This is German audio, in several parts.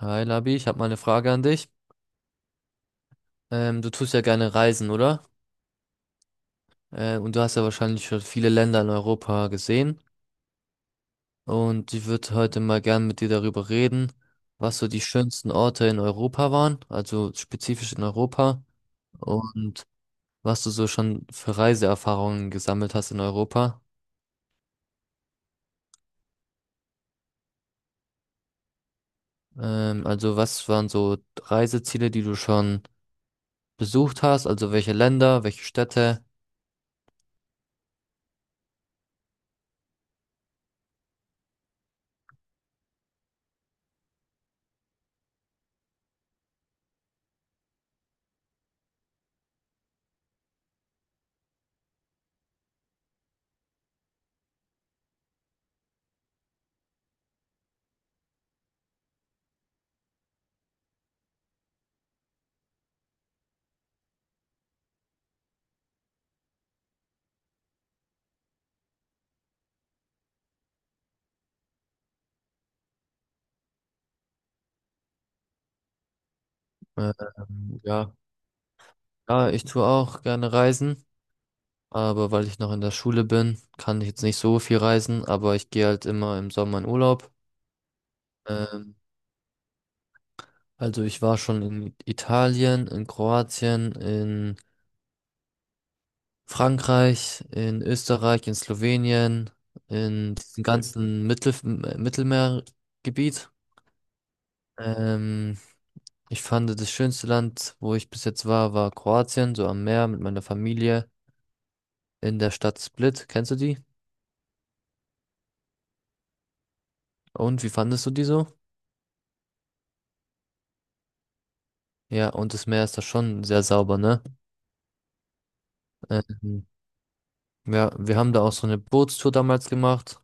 Hi Labi, ich habe mal eine Frage an dich. Du tust ja gerne reisen, oder? Und du hast ja wahrscheinlich schon viele Länder in Europa gesehen. Und ich würde heute mal gern mit dir darüber reden, was so die schönsten Orte in Europa waren, also spezifisch in Europa, und was du so schon für Reiseerfahrungen gesammelt hast in Europa. Also was waren so Reiseziele, die du schon besucht hast? Also welche Länder, welche Städte? Ja. Ja, ich tue auch gerne reisen. Aber weil ich noch in der Schule bin, kann ich jetzt nicht so viel reisen, aber ich gehe halt immer im Sommer in Urlaub. Ähm, also ich war schon in Italien, in Kroatien, in Frankreich, in Österreich, in Slowenien, in diesem ganzen Mittelmeergebiet. Ähm, Ich fand das schönste Land, wo ich bis jetzt war, war Kroatien, so am Meer mit meiner Familie in der Stadt Split. Kennst du die? Und wie fandest du die so? Ja, und das Meer ist da schon sehr sauber, ne? Ähm, ja, wir haben da auch so eine Bootstour damals gemacht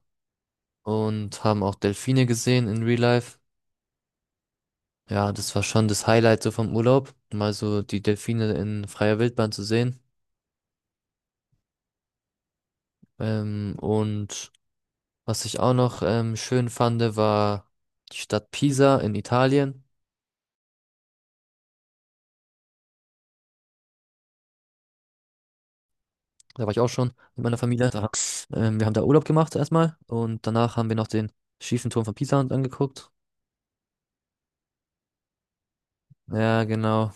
und haben auch Delfine gesehen in Real Life. Ja, das war schon das Highlight so vom Urlaub, mal so die Delfine in freier Wildbahn zu sehen. Und was ich auch noch schön fand, war die Stadt Pisa in Italien. Da war ich auch schon mit meiner Familie. Wir haben da Urlaub gemacht erstmal und danach haben wir noch den schiefen Turm von Pisa angeguckt. Ja, genau.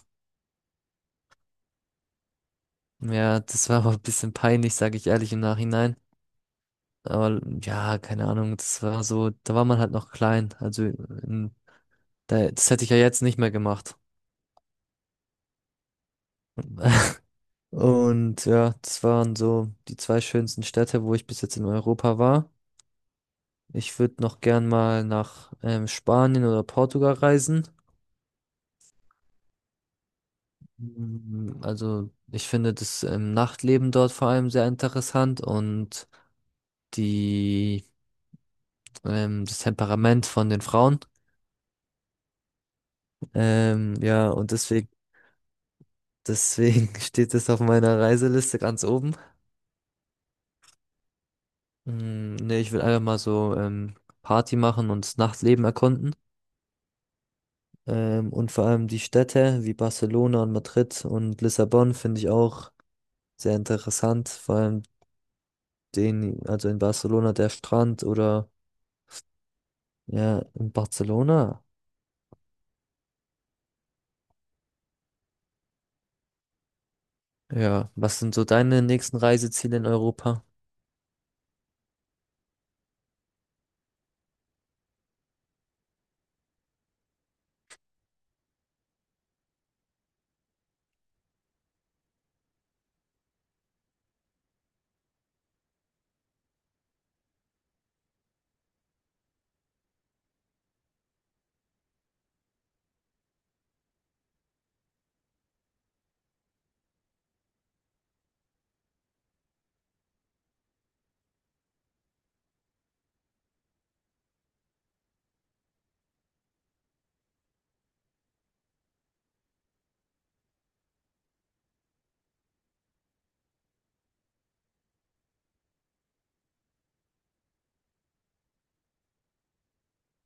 Ja, das war auch ein bisschen peinlich, sage ich ehrlich im Nachhinein. Aber ja, keine Ahnung, das war so, da war man halt noch klein. Das hätte ich ja jetzt nicht mehr gemacht. Und ja, das waren so die zwei schönsten Städte, wo ich bis jetzt in Europa war. Ich würde noch gern mal nach Spanien oder Portugal reisen. Also ich finde das Nachtleben dort vor allem sehr interessant und die das Temperament von den Frauen. Ähm, ja, und deswegen Deswegen steht es auf meiner Reiseliste ganz oben. Nee, ich will einfach mal so Party machen und das Nachtleben erkunden. Und vor allem die Städte wie Barcelona und Madrid und Lissabon finde ich auch sehr interessant. Vor allem also in Barcelona der Strand oder ja, in Barcelona. Ja, was sind so deine nächsten Reiseziele in Europa?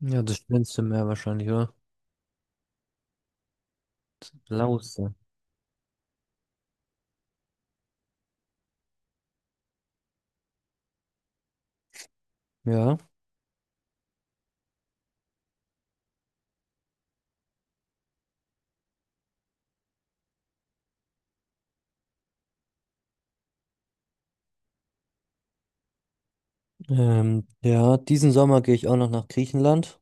Ja, das schönste Meer wahrscheinlich, oder? Lausitz. Ja, ja, diesen Sommer gehe ich auch noch nach Griechenland.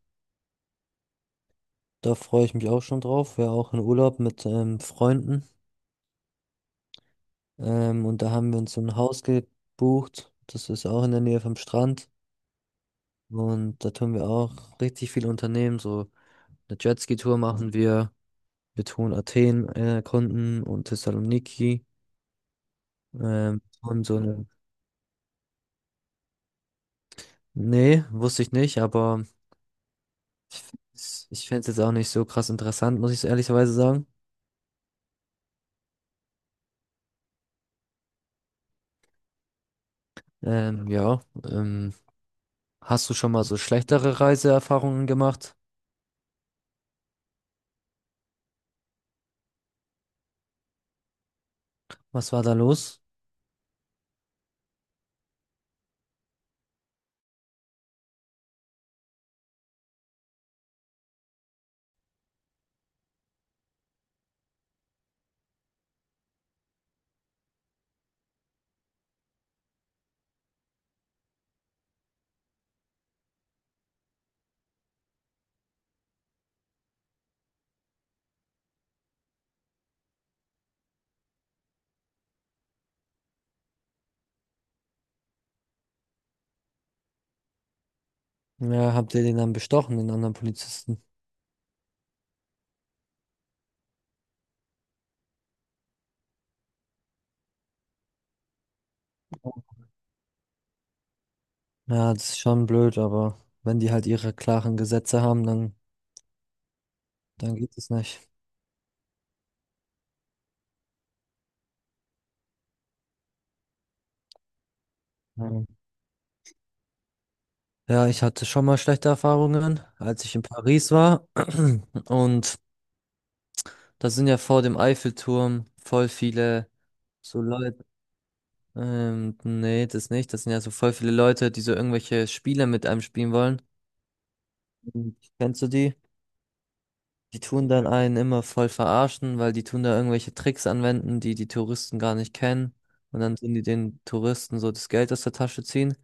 Da freue ich mich auch schon drauf. Wäre auch in Urlaub mit Freunden. Und da haben wir uns so ein Haus gebucht. Das ist auch in der Nähe vom Strand. Und da tun wir auch richtig viel unternehmen. So eine Jetski-Tour machen wir. Wir tun Athen erkunden und Thessaloniki. Und so eine. Nee, wusste ich nicht, aber ich fände es jetzt auch nicht so krass interessant, muss ich so ehrlicherweise sagen. Ja. Ähm, Hast du schon mal so schlechtere Reiseerfahrungen gemacht? Was war da los? Ja, habt ihr den dann bestochen, den anderen Polizisten? Ja, das ist schon blöd, aber wenn die halt ihre klaren Gesetze haben, dann geht es nicht. Ja, Ja, ich hatte schon mal schlechte Erfahrungen, als ich in Paris war. Und da sind ja vor dem Eiffelturm voll viele so Leute. Nee, das nicht. Das sind ja so voll viele Leute, die so irgendwelche Spiele mit einem spielen wollen. Mhm. Kennst du die? Die tun dann einen immer voll verarschen, weil die tun da irgendwelche Tricks anwenden, die die Touristen gar nicht kennen. Und dann tun die den Touristen so das Geld aus der Tasche ziehen.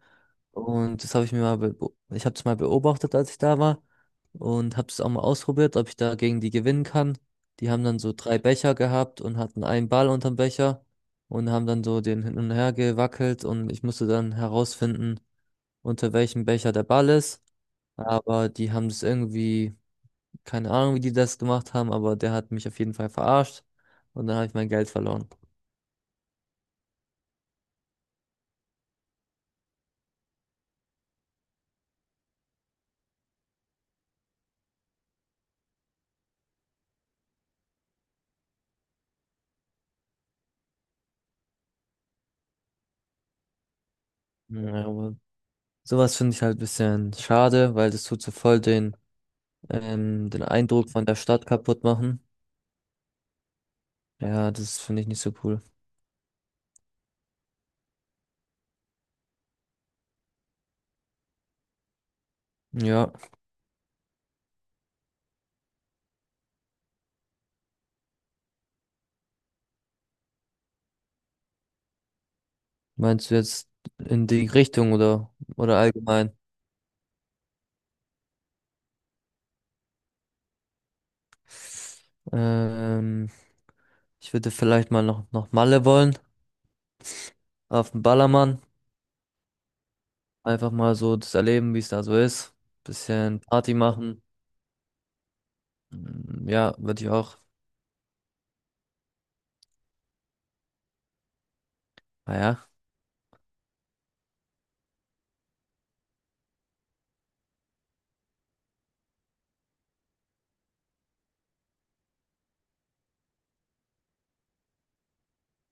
Und das habe ich mir ich habe es mal beobachtet, als ich da war. Und habe es auch mal ausprobiert, ob ich da gegen die gewinnen kann. Die haben dann so drei Becher gehabt und hatten einen Ball unterm Becher und haben dann so den hin und her gewackelt. Und ich musste dann herausfinden, unter welchem Becher der Ball ist. Aber die haben das irgendwie keine Ahnung, wie die das gemacht haben, aber der hat mich auf jeden Fall verarscht und dann habe ich mein Geld verloren. Ja, aber sowas finde ich halt ein bisschen schade, weil das tut so voll den Eindruck von der Stadt kaputt machen. Ja, das finde ich nicht so cool. Ja, meinst du jetzt in die Richtung oder allgemein? Ähm, Ich würde vielleicht mal noch Malle wollen, auf den Ballermann. Einfach mal so das erleben, wie es da so ist. Bisschen Party machen. Ja, würde ich auch. Naja.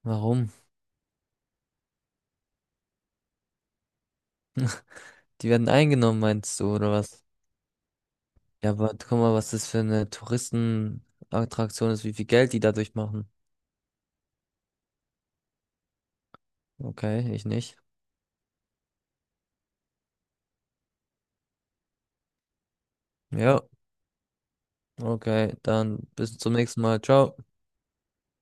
Warum? Die werden eingenommen, meinst du, oder was? Ja, aber guck mal, was das für eine Touristenattraktion ist, wie viel Geld die dadurch machen. Okay, ich nicht. Ja, okay, dann bis zum nächsten Mal. Ciao.